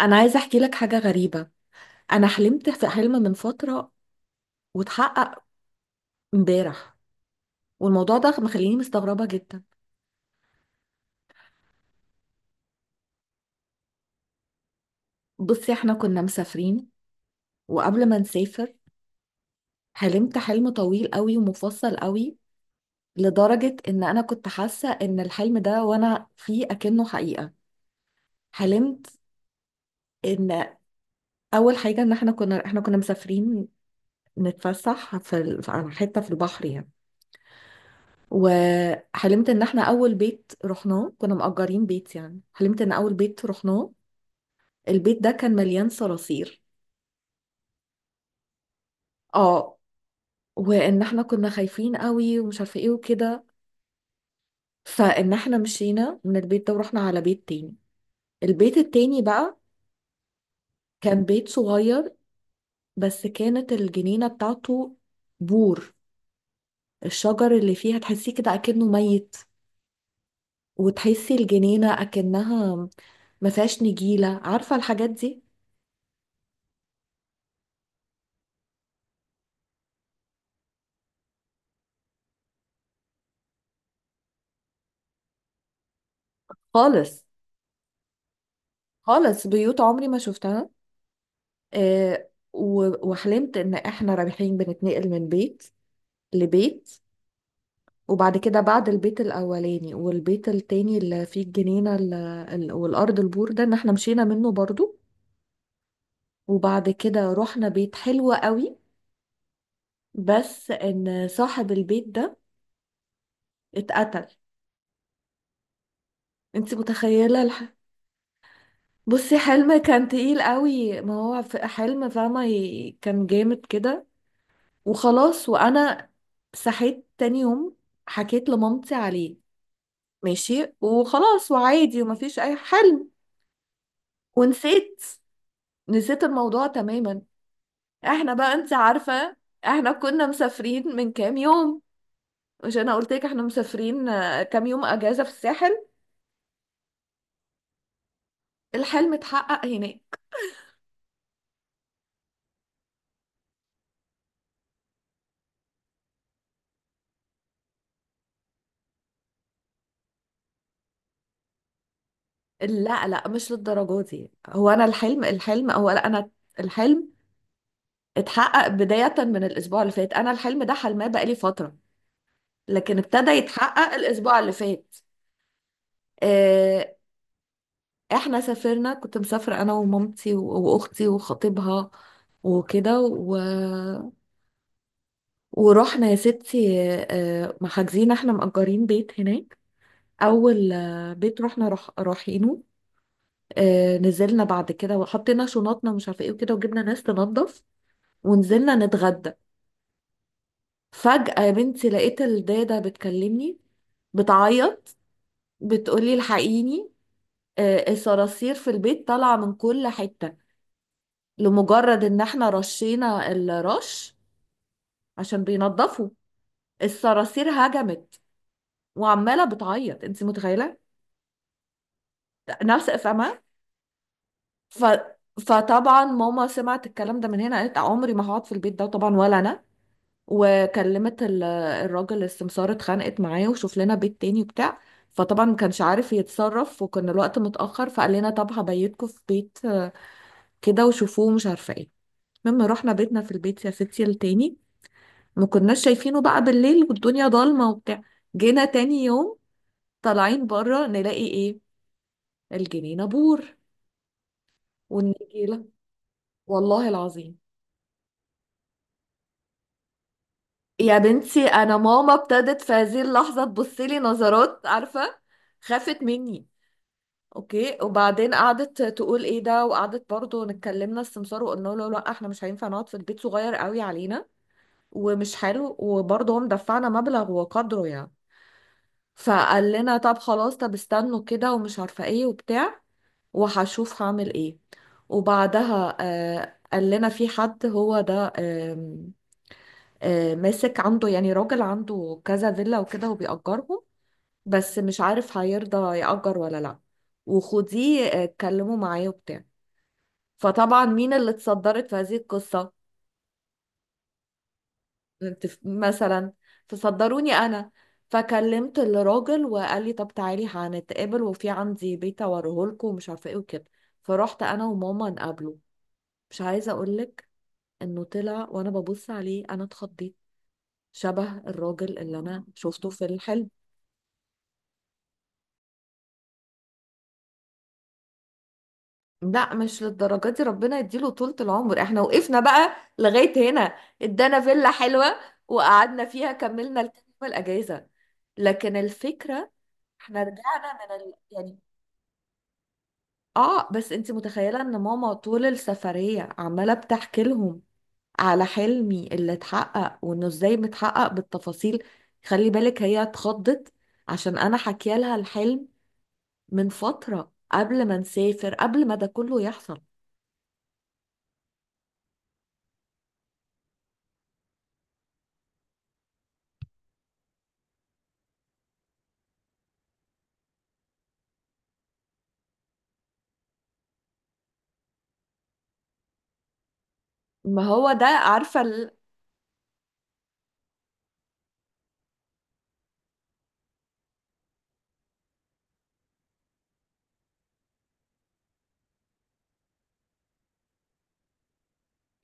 انا عايزه احكي لك حاجه غريبه. انا حلمت في حلم من فتره واتحقق امبارح، والموضوع ده مخليني مستغربه جدا. بصي، احنا كنا مسافرين وقبل ما نسافر حلمت حلم طويل قوي ومفصل قوي، لدرجه ان انا كنت حاسه ان الحلم ده وانا فيه اكنه حقيقه. حلمت ان اول حاجه ان احنا كنا مسافرين نتفسح في على حته في البحر يعني. وحلمت ان احنا اول بيت رحناه كنا مأجرين بيت، يعني حلمت ان اول بيت رحناه البيت ده كان مليان صراصير. اه، وان احنا كنا خايفين قوي ومش عارفه ايه وكده، فان احنا مشينا من البيت ده ورحنا على بيت تاني. البيت التاني بقى كان بيت صغير، بس كانت الجنينه بتاعته بور، الشجر اللي فيها تحسيه كده اكنه ميت، وتحسي الجنينه اكنها ما فيهاش نجيله، عارفه الحاجات دي. خالص، خالص بيوت عمري ما شفتها. و- وحلمت ان احنا رايحين بنتنقل من بيت لبيت. وبعد كده بعد البيت الاولاني والبيت التاني اللي فيه الجنينة والارض البور ده، ان احنا مشينا منه برضو. وبعد كده رحنا بيت حلو قوي، بس ان صاحب البيت ده اتقتل. انت متخيلة بصي، حلم كان تقيل قوي، ما هو في حلم فاهمة، كان جامد كده. وخلاص، وانا صحيت تاني يوم حكيت لمامتي عليه، ماشي وخلاص وعادي ومفيش اي حل. ونسيت، نسيت الموضوع تماما. احنا بقى انت عارفة، احنا كنا مسافرين من كام يوم. مش انا قلت لك احنا مسافرين، كام يوم اجازة في الساحل؟ الحلم اتحقق هناك. لا لا، مش للدرجة دي، هو انا الحلم الحلم هو لا انا الحلم اتحقق بداية من الاسبوع اللي فات. انا الحلم ده حلماه بقالي فترة، لكن ابتدى يتحقق الاسبوع اللي فات. آه، احنا سافرنا، كنت مسافرة انا ومامتي واختي وخطيبها وكده ورحنا يا ستي. محجزين احنا مأجرين بيت هناك. اول بيت رحنا رايحينه. نزلنا بعد كده وحطينا شنطنا مش عارفه ايه وكده، وجبنا ناس تنظف ونزلنا نتغدى. فجأة يا بنتي لقيت الدادة بتكلمني، بتعيط، بتقولي الحقيني، الصراصير في البيت طالعة من كل حتة. لمجرد ان احنا رشينا الرش عشان بينضفوا، الصراصير هجمت، وعمالة بتعيط، انت متخيلة؟ نفس، فاهمة؟ ف... فطبعا ماما سمعت الكلام ده من هنا، قالت عمري ما هقعد في البيت ده، طبعا ولا انا. وكلمت الراجل السمسار، اتخانقت معاه وشوف لنا بيت تاني وبتاع. فطبعا ما كانش عارف يتصرف وكان الوقت متأخر، فقال لنا طب هبيتكم في بيت كده وشوفوه مش عارفة ايه. مما رحنا بيتنا في البيت يا ستي التاني، ما كناش شايفينه بقى بالليل والدنيا ضلمة وبتاع. جينا تاني يوم طالعين بره نلاقي ايه؟ الجنينة بور والنجيلة، والله العظيم. يا بنتي انا ماما ابتدت في هذه اللحظة تبص لي نظرات، عارفة؟ خافت مني. اوكي، وبعدين قعدت تقول ايه ده، وقعدت برضو نتكلمنا السمسار وقلنا له لا احنا مش هينفع نقعد في البيت، صغير قوي علينا ومش حلو، وبرضه هم دفعنا مبلغ وقدره يعني. فقال لنا طب خلاص، طب استنوا كده ومش عارفة ايه وبتاع، وهشوف هعمل ايه. وبعدها آه قال لنا في حد هو ده آه ماسك عنده، يعني راجل عنده كذا فيلا وكده وبيأجرهم، بس مش عارف هيرضى يأجر ولا لا. وخديه اتكلموا معاه وبتاع. فطبعا مين اللي اتصدرت في هذه القصة؟ مثلا فصدروني انا. فكلمت الراجل وقال لي طب تعالي هنتقابل وفي عندي بيت اوريه لكم ومش عارفه ايه وكده. فرحت انا وماما نقابله. مش عايزه اقول لك انه طلع وانا ببص عليه انا اتخضيت، شبه الراجل اللي انا شفته في الحلم. لا مش للدرجه دي، ربنا يديله طولة العمر، احنا وقفنا بقى لغايه هنا. ادانا فيلا حلوه وقعدنا فيها، كملنا الكام يوم الأجازة. لكن الفكره، احنا رجعنا من يعني، اه بس انت متخيلة ان ماما طول السفرية عمالة بتحكي لهم على حلمي اللي اتحقق وانه ازاي متحقق بالتفاصيل. خلي بالك هي اتخضت عشان انا حكي لها الحلم من فترة قبل ما نسافر، قبل ما ده كله يحصل. ما هو ده عارفة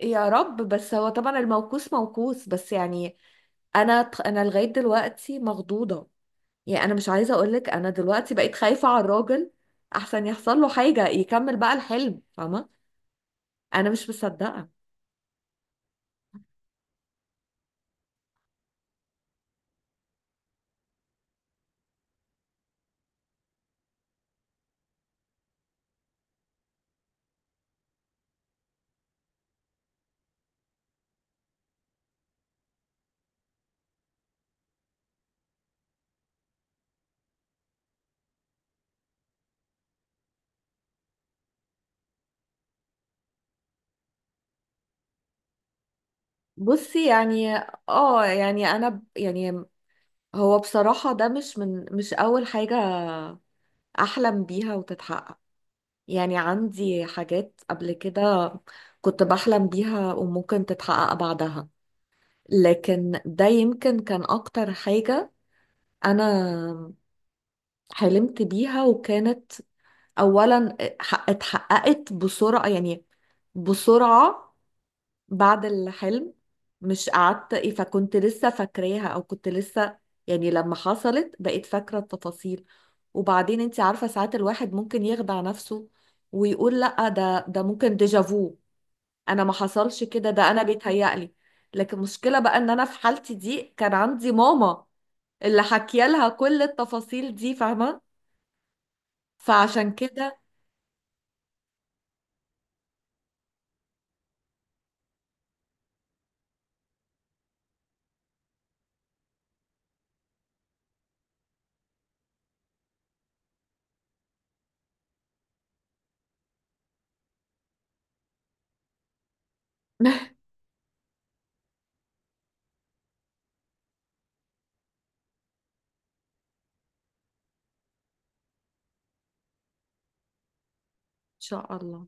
يا رب. بس هو طبعا الموقوس موقوس، بس يعني انا انا لغايه دلوقتي مخضوضه. يعني انا مش عايزه اقولك انا دلوقتي بقيت خايفه على الراجل، احسن يحصل له حاجه يكمل بقى الحلم، فاهمه؟ انا مش مصدقه. بصي يعني، اه يعني انا يعني هو بصراحه ده مش من مش اول حاجه احلم بيها وتتحقق. يعني عندي حاجات قبل كده كنت بحلم بيها وممكن تتحقق بعدها، لكن ده يمكن كان اكتر حاجه انا حلمت بيها، وكانت اولا اتحققت بسرعه، يعني بسرعه بعد الحلم. مش قعدت ايه، فكنت لسه فاكراها، او كنت لسه يعني لما حصلت بقيت فاكرة التفاصيل. وبعدين انت عارفة ساعات الواحد ممكن يخدع نفسه ويقول لا، ده ممكن ديجافو. انا ما حصلش كده، ده انا بيتهيألي. لكن المشكلة بقى ان انا في حالتي دي كان عندي ماما، اللي حكي لها كل التفاصيل دي، فاهمة؟ فعشان كده ان شاء الله.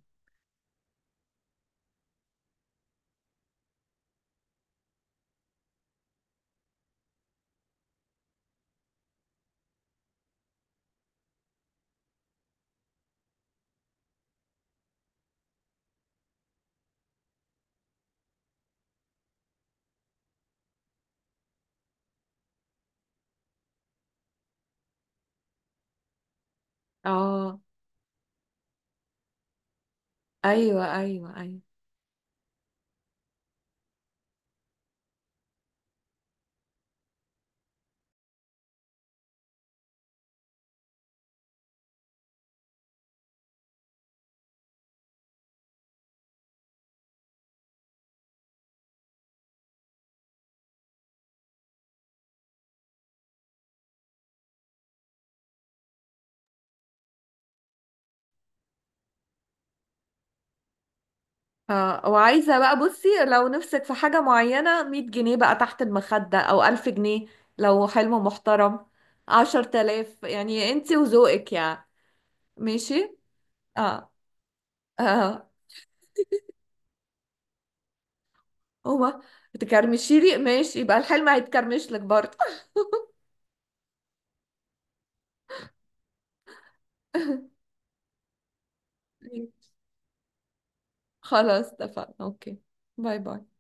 اه، ايوه ايوه ايوه. اه، وعايزة بقى بصي لو نفسك في حاجة معينة 100 جنيه بقى تحت المخدة أو 1000 جنيه، لو حلم محترم 10 تلاف، يعني انتي وذوقك يعني. ماشي، اه اه. هو تكرمشي لي ماشي، يبقى الحلم هيتكرمش لك برضه. خلاص، اتفقنا، اوكي. باي باي.